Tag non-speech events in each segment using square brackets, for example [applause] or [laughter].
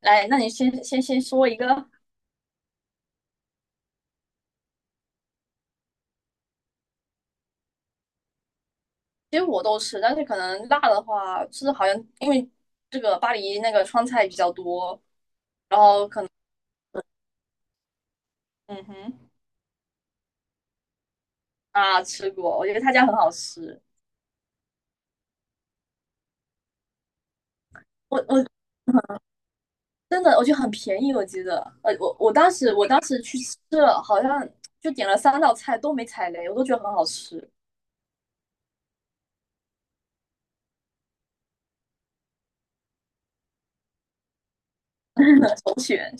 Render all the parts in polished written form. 来，那你先先先说一个。其实我都吃，但是可能辣的话，就是好像因为这个巴黎那个川菜比较多。然后可嗯哼。啊，吃过，我觉得他家很好吃。我我真的我觉得很便宜。我记得，我当时去吃了，好像就点了三道菜都没踩雷，我都觉得很好吃，首选。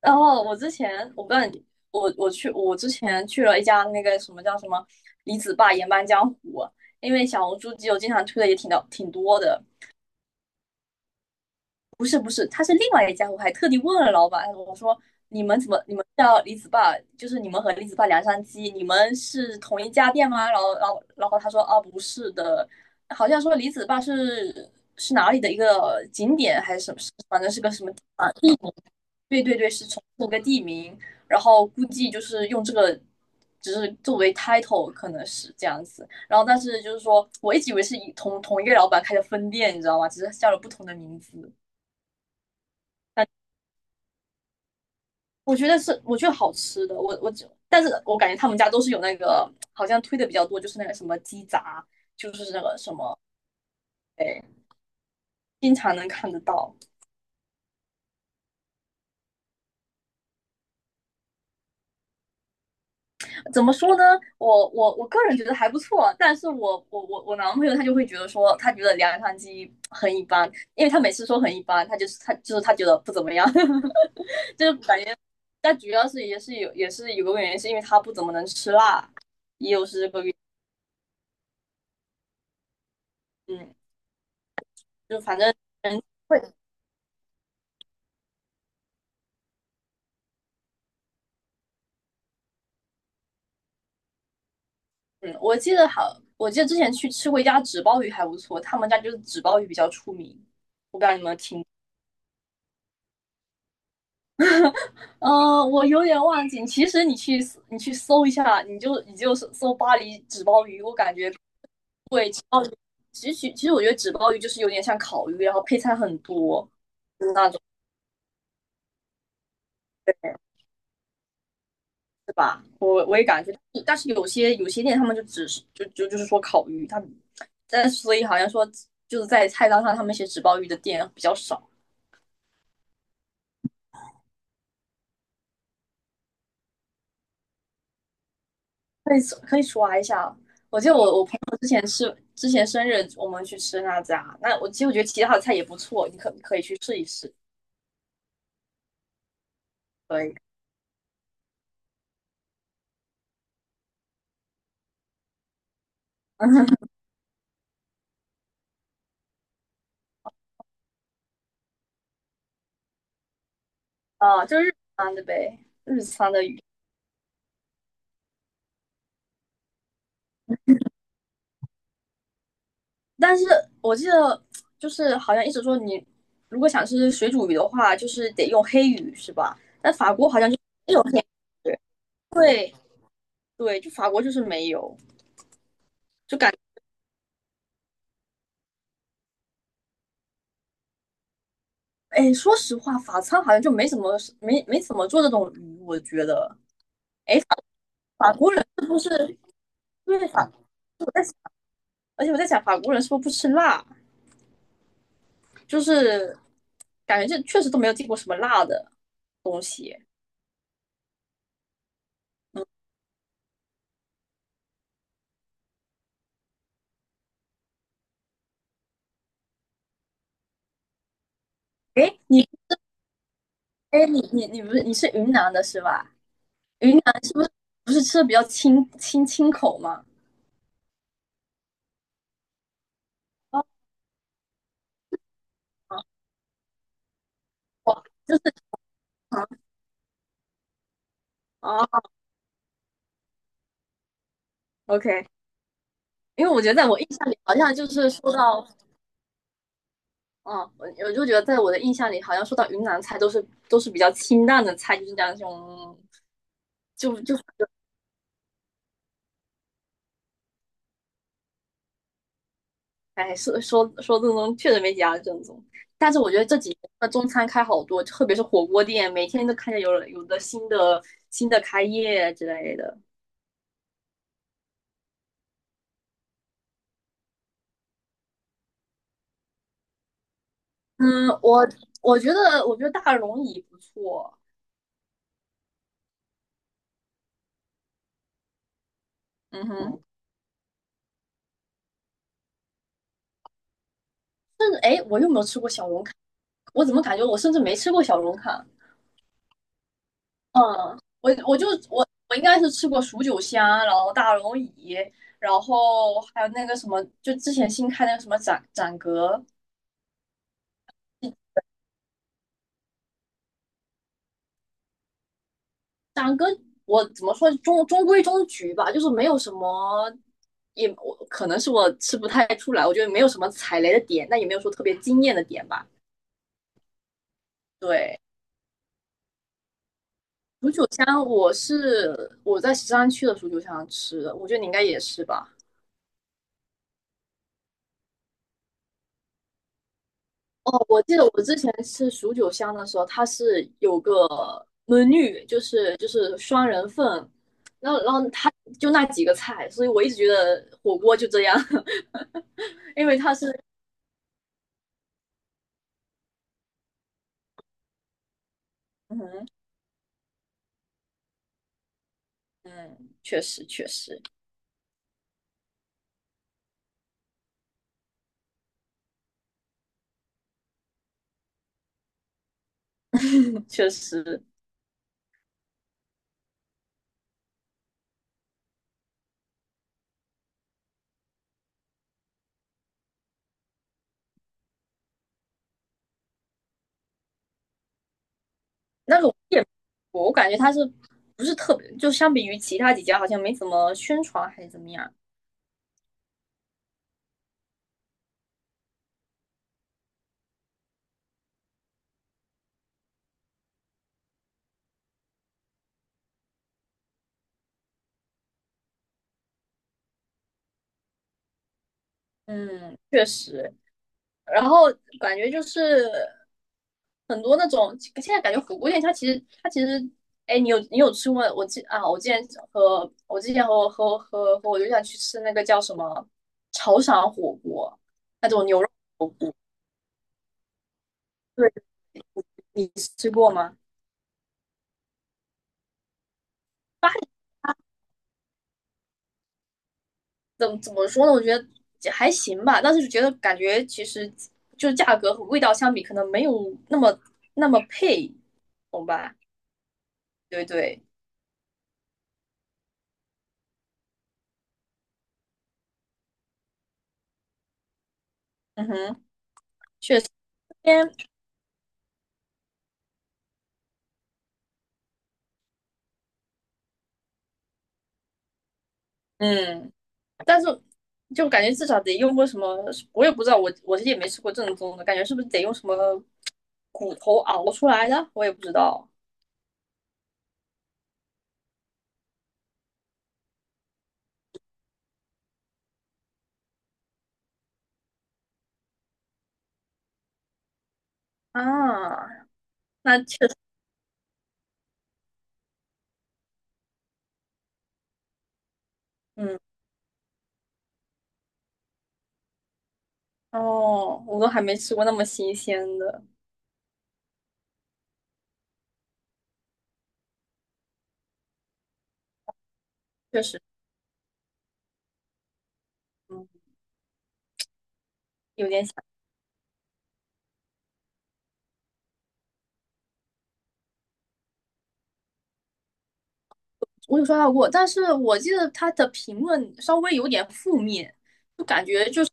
然后我之前，我不知道你，我之前去了一家那个什么叫什么李子坝盐搬江湖，因为小红书基友经常推的也挺多的。不是，不是，他是另外一家。我还特地问了老板，我说，你们叫李子坝，就是你们和李子坝梁山鸡，你们是同一家店吗？然后他说，啊，不是的。好像说李子坝是哪里的一个景点还是什么，反正是个什么。对对对，是重复个地名，然后估计就是用这个，只是作为 title 可能是这样子。然后但是就是说，我一直以为是同一个老板开的分店，你知道吗？只是叫了不同的名字。但我觉得是，我觉得好吃的。我我只，但是我感觉他们家都是有那个，好像推的比较多，就是那个什么鸡杂，就是那个什么，哎，经常能看得到。怎么说呢？我个人觉得还不错，但是我男朋友他就会觉得说，他觉得凉汤鸡很一般。因为他每次说很一般，他就是他觉得不怎么样，[laughs] 感觉。但主要是也是有个原因，是因为他不怎么能吃辣，也有是这个原因。嗯。就反正人会。嗯，我记得之前去吃过一家纸包鱼还不错，他们家就是纸包鱼比较出名。我不知道你们听，我有点忘记。其实你去搜一下，你就搜巴黎纸包鱼，我感觉。对，纸包鱼。其实我觉得纸包鱼就是有点像烤鱼，然后配菜很多那种，对吧？我也感觉。但是有些店他们就只是就是说烤鱼。但所以好像说就是在菜单上他们写纸包鱼的店比较少。可以，可以刷一下啊。我记得我朋友之前生日，我们去吃那家。那我其实我觉得其他的菜也不错，你可以去试一试。可以。[laughs] 啊，就是日餐的呗，日餐的鱼。但是我记得就是好像一直说，你如果想吃水煮鱼的话，就是得用黑鱼是吧？但法国好像就没有黑鱼。对。对，就法国就是没有。就感哎，说实话，法餐好像就没怎么做这种鱼，我觉得。法国人是不是？对。我在想而且我在想，法国人是不是不吃辣？就是感觉这确实都没有见过什么辣的东西。诶，你。诶，你你你不是你是云南的是吧？云南是不是吃的比较清口吗？哦。哦，就是。哦，OK。因为我觉得在我印象里好像就是说到。嗯，我就觉得在我的印象里好像说到云南菜都是比较清淡的菜，就是讲那种。就就哎，说正宗，确实没几家正宗。但是我觉得这几年的中餐开好多，特别是火锅店，每天都看见有的新的开业之类的。嗯，我觉得大龙椅不错。嗯哼。甚至哎，诶，我又没有吃过小龙坎？我怎么感觉我甚至没吃过小龙坎？嗯，我我就我我应该是吃过蜀九香，然后大龙椅，然后还有那个什么，就之前新开那个什么展阁。长歌。我怎么说中规中矩吧，就是没有什么，也我可能是我吃不太出来，我觉得没有什么踩雷的点，但也没有说特别惊艳的点吧。对，蜀九香我在石山区的蜀九香吃的，我觉得你应该也是吧。哦，我记得我之前吃蜀九香的时候，它是有个 m e 就是双人份，然后它就那几个菜，所以我一直觉得火锅就这样。[laughs] 因为它是嗯哼。嗯，确实确实。 [laughs] 确实。那个我也我感觉它是不是特别，就相比于其他几家好像没怎么宣传还是怎么样。嗯，确实。然后感觉就是很多那种，现在感觉火锅店它其实。哎，你有吃过？我记啊，我之前和和我对象去吃那个叫什么潮汕火锅，那种牛肉火锅。对，你吃过吗？怎么说呢？我觉得还行吧，但是觉得感觉其实就是价格和味道相比，可能没有那么配，懂吧？对，对。嗯哼。嗯嗯。但是就感觉至少得用过什么，我也不知道，我其实也没吃过正宗的，感觉是不是得用什么骨头熬出来的？我也不知道啊。那确实。嗯。哦，我都还没吃过那么新鲜的，确实。嗯。有点。想。我有刷到过，但是我记得他的评论稍微有点负面，就感觉就是。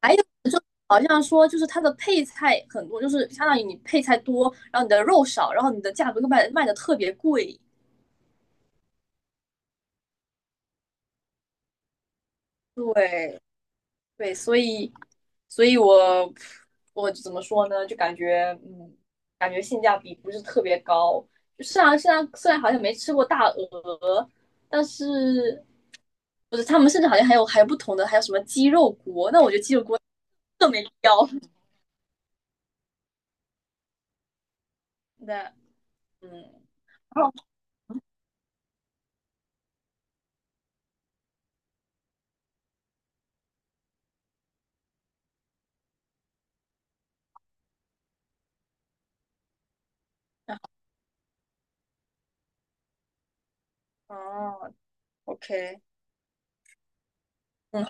还有就好像说就是他的配菜很多，就是相当于你配菜多，然后你的肉少，然后你的价格就卖的特别贵。对。对，所以。所以我怎么说呢？就感觉，嗯，感觉性价比不是特别高。就虽然好像没吃过大鹅，但是不是他们甚至好像还有不同的，还有什么鸡肉锅？那我觉得鸡肉锅更没必要。[laughs] 那，嗯。哦哦，OK。嗯。